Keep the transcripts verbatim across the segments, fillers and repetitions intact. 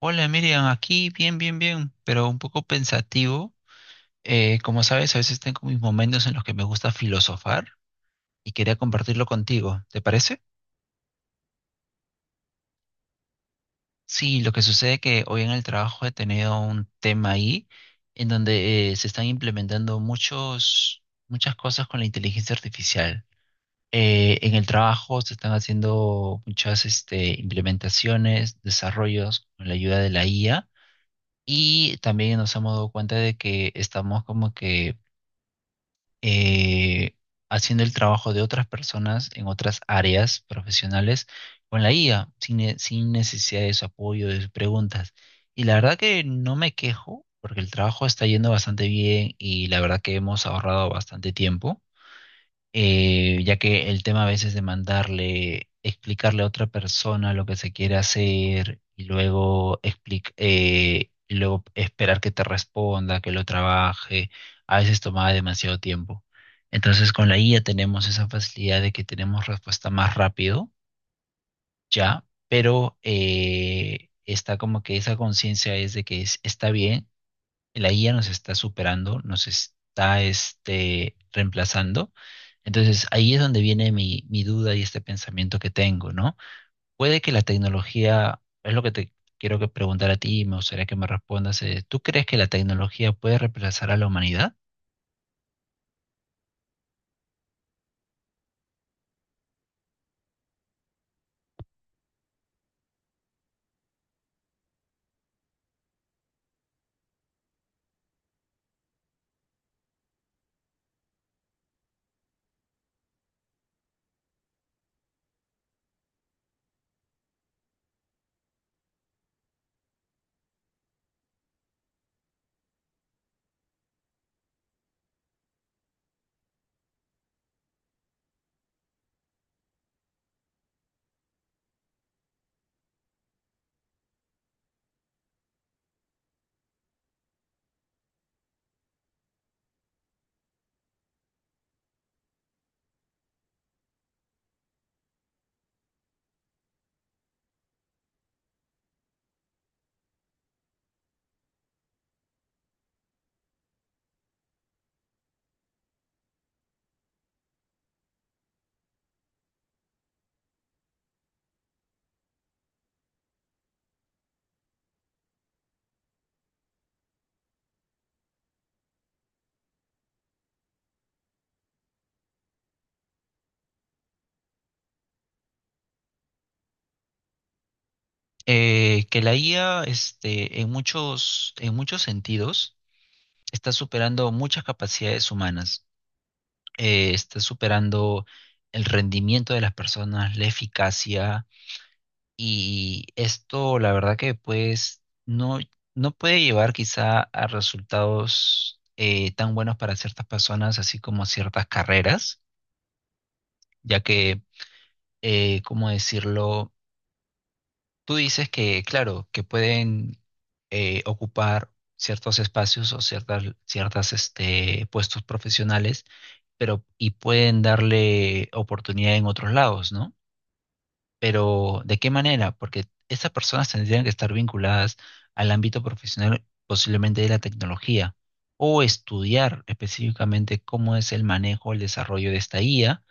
Hola Miriam, aquí bien, bien, bien, pero un poco pensativo. Eh, como sabes, a veces tengo mis momentos en los que me gusta filosofar y quería compartirlo contigo. ¿Te parece? Sí, lo que sucede que hoy en el trabajo he tenido un tema ahí en donde eh, se están implementando muchos, muchas cosas con la inteligencia artificial. Eh, en el trabajo se están haciendo muchas este, implementaciones, desarrollos con la ayuda de la I A y también nos hemos dado cuenta de que estamos como que eh, haciendo el trabajo de otras personas en otras áreas profesionales con la I A, sin, ne- sin necesidad de su apoyo, de sus preguntas. Y la verdad que no me quejo, porque el trabajo está yendo bastante bien y la verdad que hemos ahorrado bastante tiempo, eh, ya que el tema a veces de mandarle, explicarle a otra persona lo que se quiere hacer y luego, explic- eh, y luego esperar que te responda, que lo trabaje, a veces tomaba demasiado tiempo. Entonces con la I A tenemos esa facilidad de que tenemos respuesta más rápido, ya, pero eh, está como que esa conciencia es de que es- está bien, la I A nos está superando, nos está este, reemplazando. Entonces ahí es donde viene mi, mi duda y este pensamiento que tengo, ¿no? Puede que la tecnología, es lo que te quiero que preguntar a ti y me gustaría que me respondas, eh, ¿tú crees que la tecnología puede reemplazar a la humanidad? Eh, que la I A este, en muchos, en muchos sentidos está superando muchas capacidades humanas, eh, está superando el rendimiento de las personas, la eficacia. Y esto, la verdad que pues no, no puede llevar quizá a resultados eh, tan buenos para ciertas personas, así como ciertas carreras, ya que, eh, ¿cómo decirlo? Tú dices que, claro, que pueden eh, ocupar ciertos espacios o ciertas, ciertas este, puestos profesionales, pero y pueden darle oportunidad en otros lados, ¿no? Pero, ¿de qué manera? Porque esas personas tendrían que estar vinculadas al ámbito profesional, posiblemente de la tecnología, o estudiar específicamente cómo es el manejo, el desarrollo de esta I A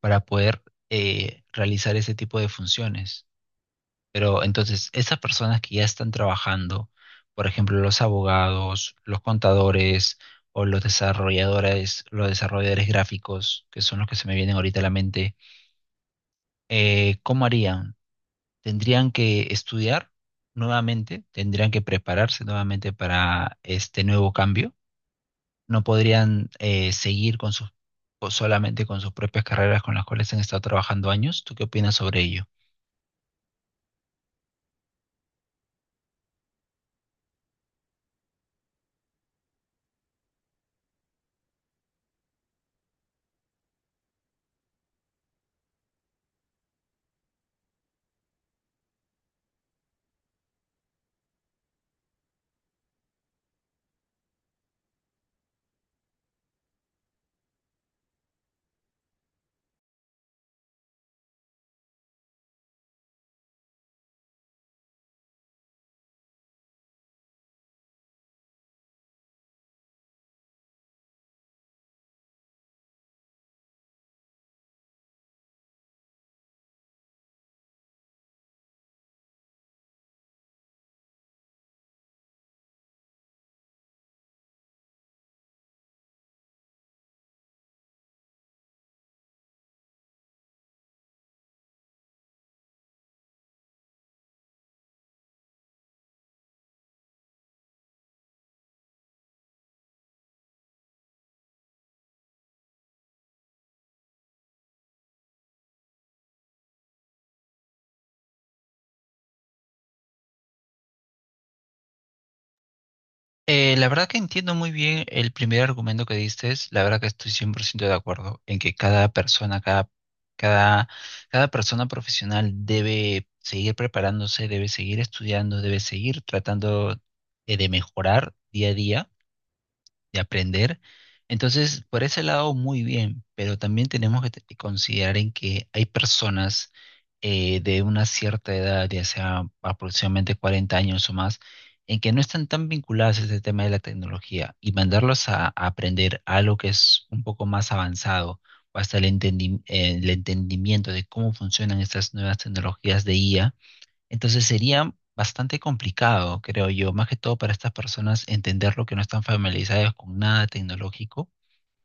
para poder eh, realizar ese tipo de funciones. Pero entonces, esas personas que ya están trabajando, por ejemplo, los abogados, los contadores o los desarrolladores, los desarrolladores gráficos, que son los que se me vienen ahorita a la mente, eh, ¿cómo harían? Tendrían que estudiar nuevamente, tendrían que prepararse nuevamente para este nuevo cambio. No podrían, eh, seguir con sus, o solamente con sus propias carreras con las cuales han estado trabajando años. ¿Tú qué opinas sobre ello? Eh, la verdad que entiendo muy bien el primer argumento que diste, la verdad que estoy cien por ciento de acuerdo en que cada persona, cada, cada, cada persona profesional debe seguir preparándose, debe seguir estudiando, debe seguir tratando eh, de mejorar día a día, de aprender. Entonces, por ese lado, muy bien, pero también tenemos que te- considerar en que hay personas eh, de una cierta edad, ya sea aproximadamente cuarenta años o más, en que no están tan vinculadas a este tema de la tecnología y mandarlos a, a aprender algo que es un poco más avanzado o hasta el entendi- el entendimiento de cómo funcionan estas nuevas tecnologías de I A, entonces sería bastante complicado, creo yo, más que todo para estas personas entender lo que no están familiarizadas con nada tecnológico.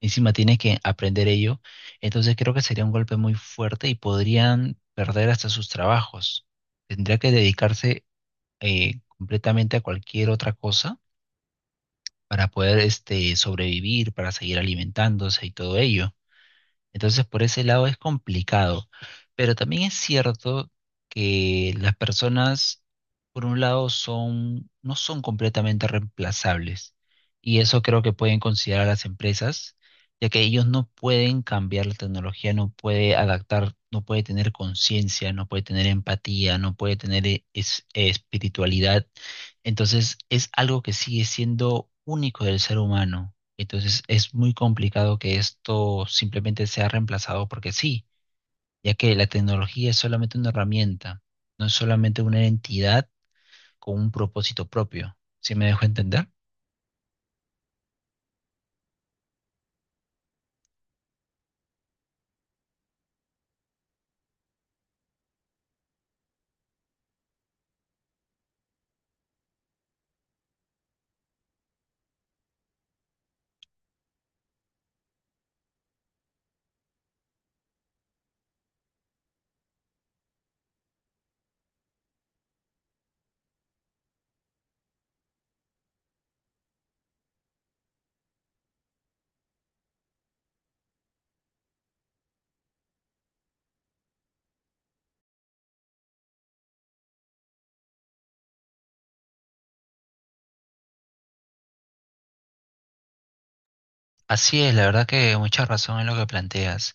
Encima tienes que aprender ello. Entonces creo que sería un golpe muy fuerte y podrían perder hasta sus trabajos. Tendría que dedicarse eh, completamente a cualquier otra cosa para poder este, sobrevivir, para seguir alimentándose y todo ello. Entonces, por ese lado es complicado. Pero también es cierto que las personas, por un lado, son, no son completamente reemplazables. Y eso creo que pueden considerar las empresas, ya que ellos no pueden cambiar la tecnología, no puede adaptar, no puede tener conciencia, no puede tener empatía, no puede tener eh, es- eh, espiritualidad. Entonces, es algo que sigue siendo único del ser humano. Entonces es muy complicado que esto simplemente sea reemplazado porque sí, ya que la tecnología es solamente una herramienta, no es solamente una entidad con un propósito propio. ¿Sí me dejo entender? Así es, la verdad que mucha razón en lo que planteas.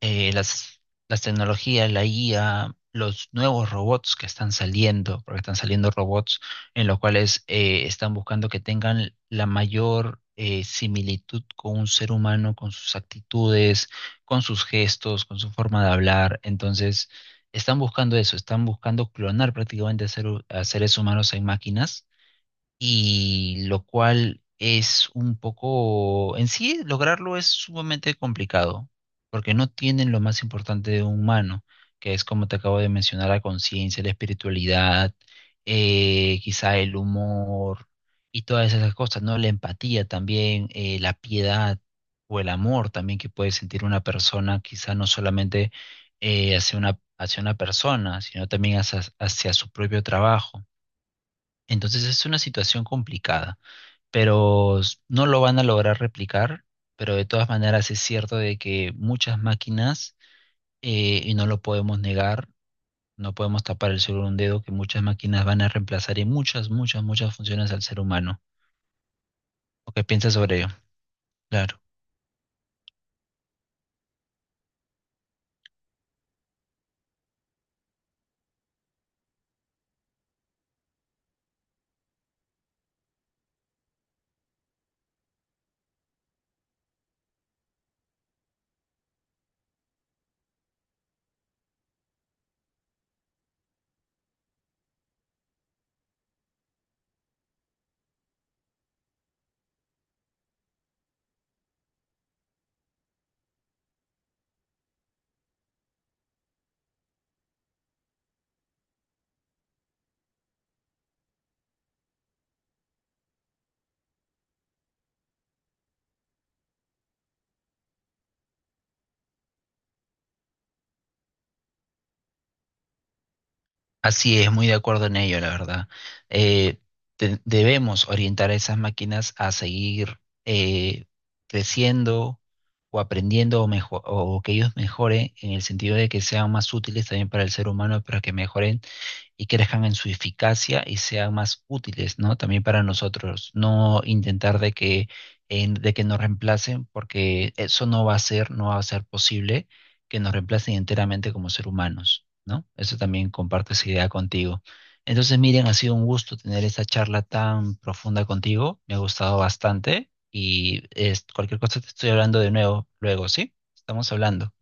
eh, las, las tecnologías, la I A, los nuevos robots que están saliendo, porque están saliendo robots en los cuales eh, están buscando que tengan la mayor eh, similitud con un ser humano, con sus actitudes, con sus gestos, con su forma de hablar. Entonces, están buscando eso, están buscando clonar prácticamente a, ser- a seres humanos en máquinas y lo cual es un poco, en sí, lograrlo es sumamente complicado, porque no tienen lo más importante de un humano, que es como te acabo de mencionar, la conciencia, la espiritualidad, eh, quizá el humor y todas esas cosas, ¿no? La empatía también, eh, la piedad o el amor también que puede sentir una persona, quizá no solamente eh, hacia una, hacia una persona, sino también hacia hacia su propio trabajo. Entonces es una situación complicada, pero s- no lo van a lograr replicar, pero de todas maneras es cierto de que muchas máquinas, eh, y no lo podemos negar, no podemos tapar el sol con un dedo, que muchas máquinas van a reemplazar en muchas, muchas, muchas funciones al ser humano. ¿O qué piensas sobre ello? Claro. Así es, muy de acuerdo en ello, la verdad. Eh, de- Debemos orientar a esas máquinas a seguir eh, creciendo o aprendiendo o, mejo- o que ellos mejoren en el sentido de que sean más útiles también para el ser humano, para que mejoren y crezcan en su eficacia y sean más útiles, ¿no? También para nosotros, no intentar de que, en- de que nos reemplacen, porque eso no va a ser, no va a ser posible que nos reemplacen enteramente como ser humanos. ¿No? Eso también comparto esa idea contigo. Entonces, Miriam, ha sido un gusto tener esta charla tan profunda contigo. Me ha gustado bastante y es, cualquier cosa te estoy hablando de nuevo luego, ¿sí? Estamos hablando.